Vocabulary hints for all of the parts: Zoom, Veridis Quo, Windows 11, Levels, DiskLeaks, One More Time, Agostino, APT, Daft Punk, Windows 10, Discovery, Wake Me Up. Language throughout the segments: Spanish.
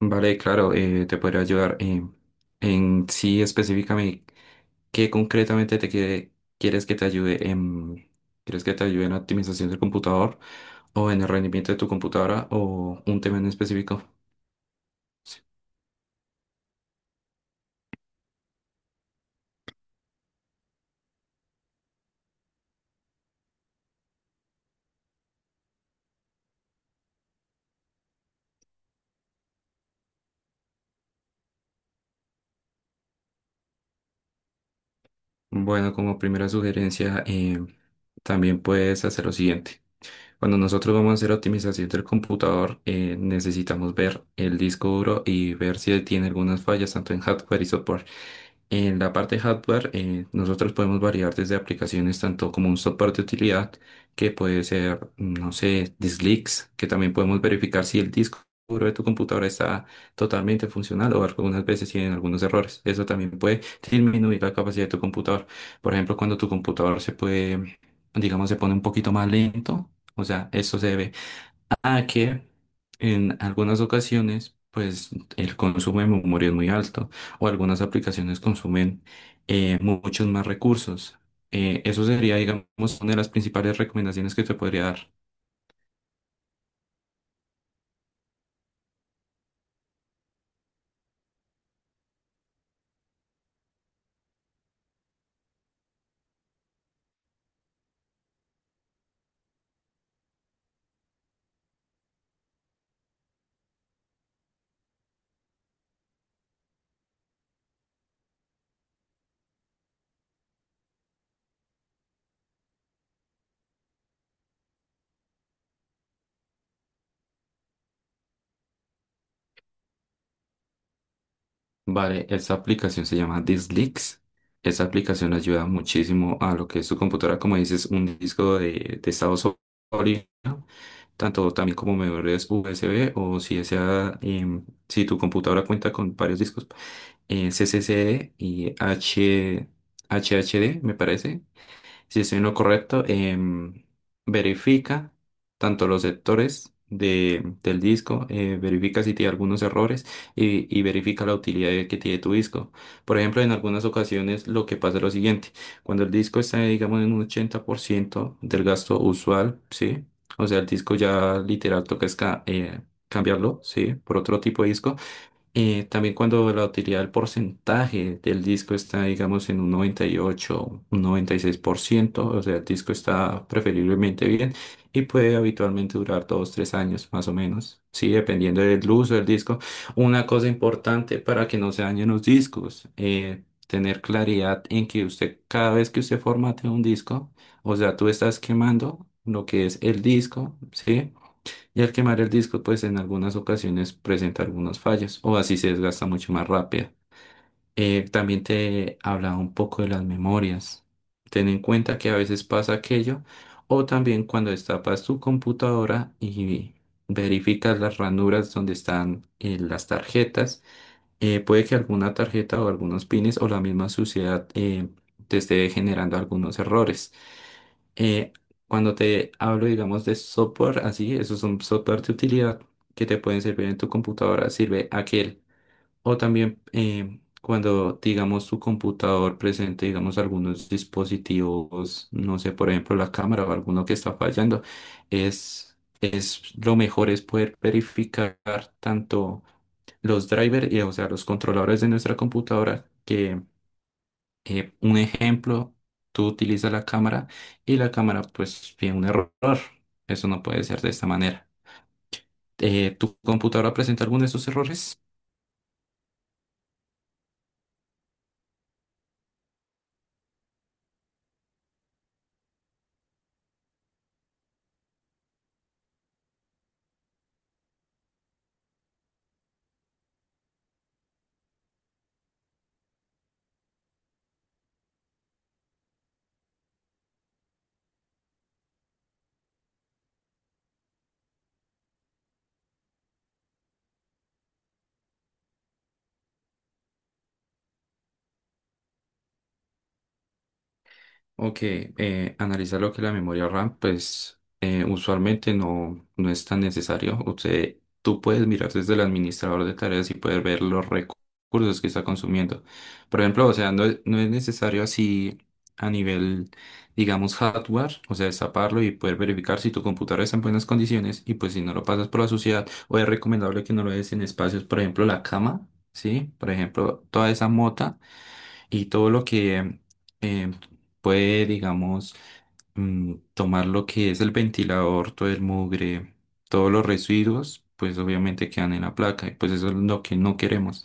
Vale, claro, te podría ayudar. En sí, específicamente, ¿qué concretamente te quiere, ¿quieres que te ayude? ¿Quieres que te ayude en la optimización del computador o en el rendimiento de tu computadora o un tema en específico? Bueno, como primera sugerencia, también puedes hacer lo siguiente. Cuando nosotros vamos a hacer optimización del computador, necesitamos ver el disco duro y ver si tiene algunas fallas, tanto en hardware y software. En la parte de hardware, nosotros podemos variar desde aplicaciones tanto como un software de utilidad, que puede ser, no sé, disk leaks, que también podemos verificar si el disco duro de tu computadora está totalmente funcional o algunas veces tienen algunos errores. Eso también puede disminuir la capacidad de tu computador. Por ejemplo, cuando tu computador se puede, digamos, se pone un poquito más lento, o sea, eso se debe a que en algunas ocasiones, pues el consumo de memoria es muy alto o algunas aplicaciones consumen muchos más recursos. Eso sería, digamos, una de las principales recomendaciones que te podría dar. Vale, esta aplicación se llama DiskLeaks. Esa aplicación ayuda muchísimo a lo que es tu computadora, como dices, un disco de estado sólido tanto también como memorias USB o si esa, si tu computadora cuenta con varios discos, CCC y H, HHD, me parece, si estoy en lo correcto, verifica tanto los sectores del disco, verifica si tiene algunos errores y verifica la utilidad que tiene tu disco. Por ejemplo, en algunas ocasiones lo que pasa es lo siguiente, cuando el disco está, digamos, en un 80% del gasto usual, ¿sí? O sea, el disco ya literal toca es cambiarlo, ¿sí? Por otro tipo de disco. También cuando la utilidad del porcentaje del disco está, digamos, en un 98, un 96%, o sea, el disco está preferiblemente bien y puede habitualmente durar dos, tres años más o menos, sí, dependiendo del uso del disco. Una cosa importante para que no se dañen los discos, tener claridad en que usted, cada vez que usted formate un disco, o sea, tú estás quemando lo que es el disco, ¿sí? Y al quemar el disco pues en algunas ocasiones presenta algunas fallas o así se desgasta mucho más rápido. También te hablaba un poco de las memorias. Ten en cuenta que a veces pasa aquello o también cuando destapas tu computadora y verificas las ranuras donde están las tarjetas, puede que alguna tarjeta o algunos pines o la misma suciedad te esté generando algunos errores. Eh, Cuando te hablo, digamos, de software, así, esos son software de utilidad que te pueden servir en tu computadora, sirve aquel. O también cuando, digamos, tu computador presente, digamos, algunos dispositivos, no sé, por ejemplo, la cámara o alguno que está fallando, es, es lo mejor es poder verificar tanto los drivers, y, o sea, los controladores de nuestra computadora que un ejemplo, tú utilizas la cámara y la cámara pues tiene un error. Eso no puede ser de esta manera. ¿Tu computadora presenta alguno de esos errores? Ok, analizar lo que es la memoria RAM, pues usualmente no, no es tan necesario. Usted, tú puedes mirar desde el administrador de tareas y puedes ver los recursos que está consumiendo. Por ejemplo, o sea, no, no es necesario así a nivel, digamos, hardware, o sea, destaparlo y poder verificar si tu computadora está en buenas condiciones y pues si no lo pasas por la suciedad, o es recomendable que no lo des en espacios, por ejemplo, la cama, ¿sí? Por ejemplo, toda esa mota y todo lo que eh, puede, digamos, tomar lo que es el ventilador, todo el mugre, todos los residuos, pues obviamente quedan en la placa y pues eso es lo que no queremos.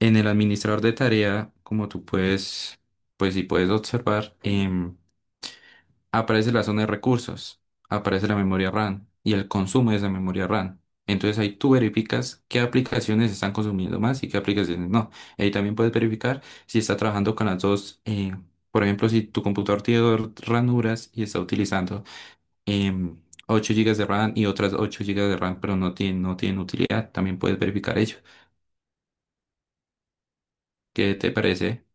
En el administrador de tarea, como tú puedes, pues si puedes observar, aparece la zona de recursos, aparece la memoria RAM y el consumo de esa memoria RAM. Entonces ahí tú verificas qué aplicaciones están consumiendo más y qué aplicaciones no. Ahí también puedes verificar si está trabajando con las dos. Por ejemplo, si tu computador tiene dos ranuras y está utilizando em, 8 GB de RAM y otras 8 gigas de RAM, pero no tiene, no tienen utilidad, también puedes verificar ello. ¿Qué te parece?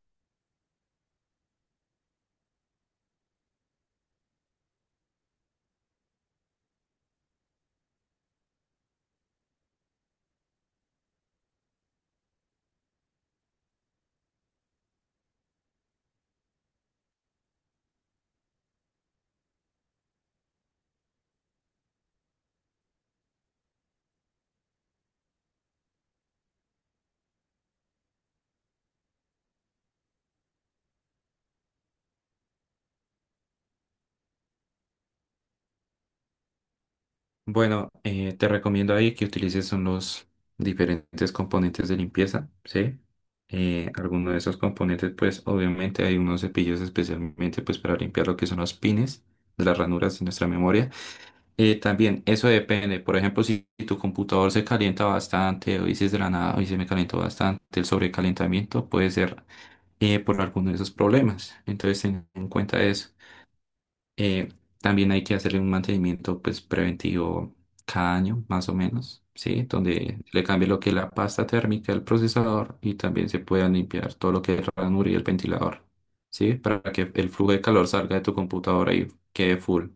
Bueno, te recomiendo ahí que utilices son los diferentes componentes de limpieza, ¿sí? Alguno de esos componentes, pues obviamente hay unos cepillos especialmente pues para limpiar lo que son los pines de las ranuras de nuestra memoria. También eso depende, por ejemplo, si tu computador se calienta bastante o dices de la nada, hoy se me calentó bastante, el sobrecalentamiento puede ser por alguno de esos problemas. Entonces ten en cuenta eso. Eh, También hay que hacerle un mantenimiento pues preventivo cada año, más o menos, ¿sí? Donde se le cambie lo que es la pasta térmica del procesador y también se pueda limpiar todo lo que es el ranura y el ventilador, ¿sí? Para que el flujo de calor salga de tu computadora y quede full.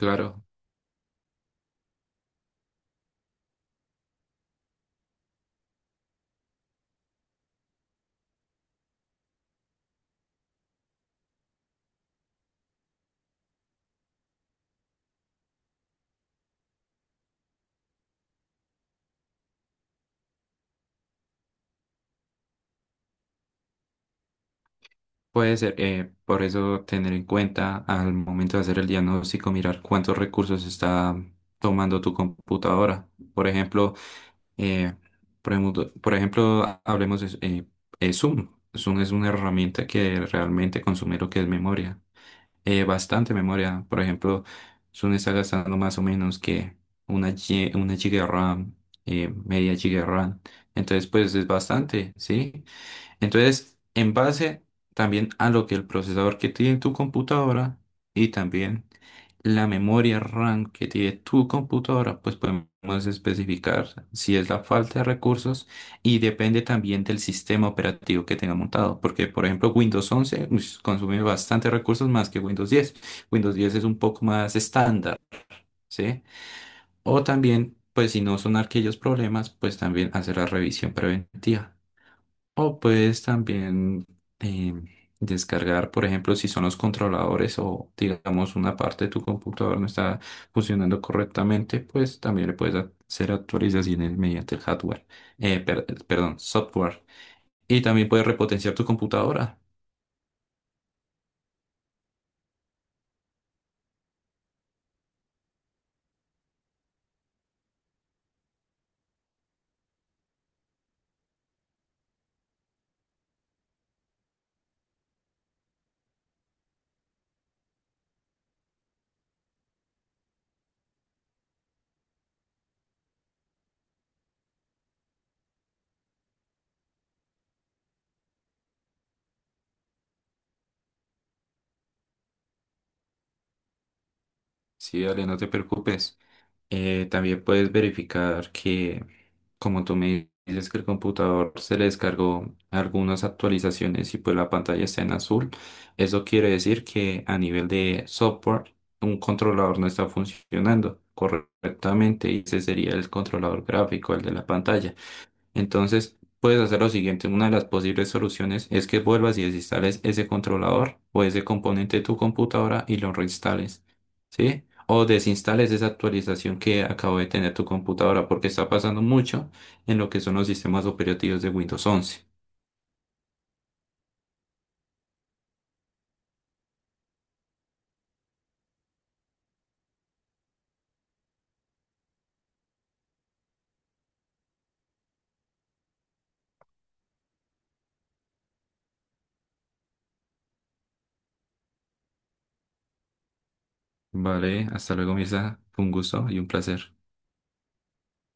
Claro, puede ser, por eso tener en cuenta al momento de hacer el diagnóstico, mirar cuántos recursos está tomando tu computadora. Por ejemplo, eh, por ejemplo, hablemos de Zoom. Zoom es una herramienta que realmente consume lo que es memoria, bastante memoria. Por ejemplo, Zoom está gastando más o menos que una, una giga RAM, media giga RAM. Entonces, pues es bastante, ¿sí? Entonces, en base también a lo que el procesador que tiene tu computadora y también la memoria RAM que tiene tu computadora, pues podemos especificar si es la falta de recursos y depende también del sistema operativo que tenga montado. Porque, por ejemplo, Windows 11 ush, consume bastante recursos más que Windows 10. Windows 10 es un poco más estándar, ¿sí? O también, pues si no son aquellos problemas, pues también hacer la revisión preventiva. O puedes también em, descargar, por ejemplo, si son los controladores o digamos una parte de tu computador no está funcionando correctamente, pues también le puedes hacer actualizaciones mediante el hardware, perdón, software. Y también puedes repotenciar tu computadora. Sí, dale, no te preocupes. También puedes verificar que, como tú me dices, que el computador se le descargó algunas actualizaciones y pues la pantalla está en azul. Eso quiere decir que a nivel de software, un controlador no está funcionando correctamente y ese sería el controlador gráfico, el de la pantalla. Entonces, puedes hacer lo siguiente. Una de las posibles soluciones es que vuelvas y desinstales ese controlador o ese componente de tu computadora y lo reinstales, ¿sí? O desinstales esa actualización que acabo de tener tu computadora porque está pasando mucho en lo que son los sistemas operativos de Windows 11. Vale, hasta luego, Mirza. Fue un gusto y un placer.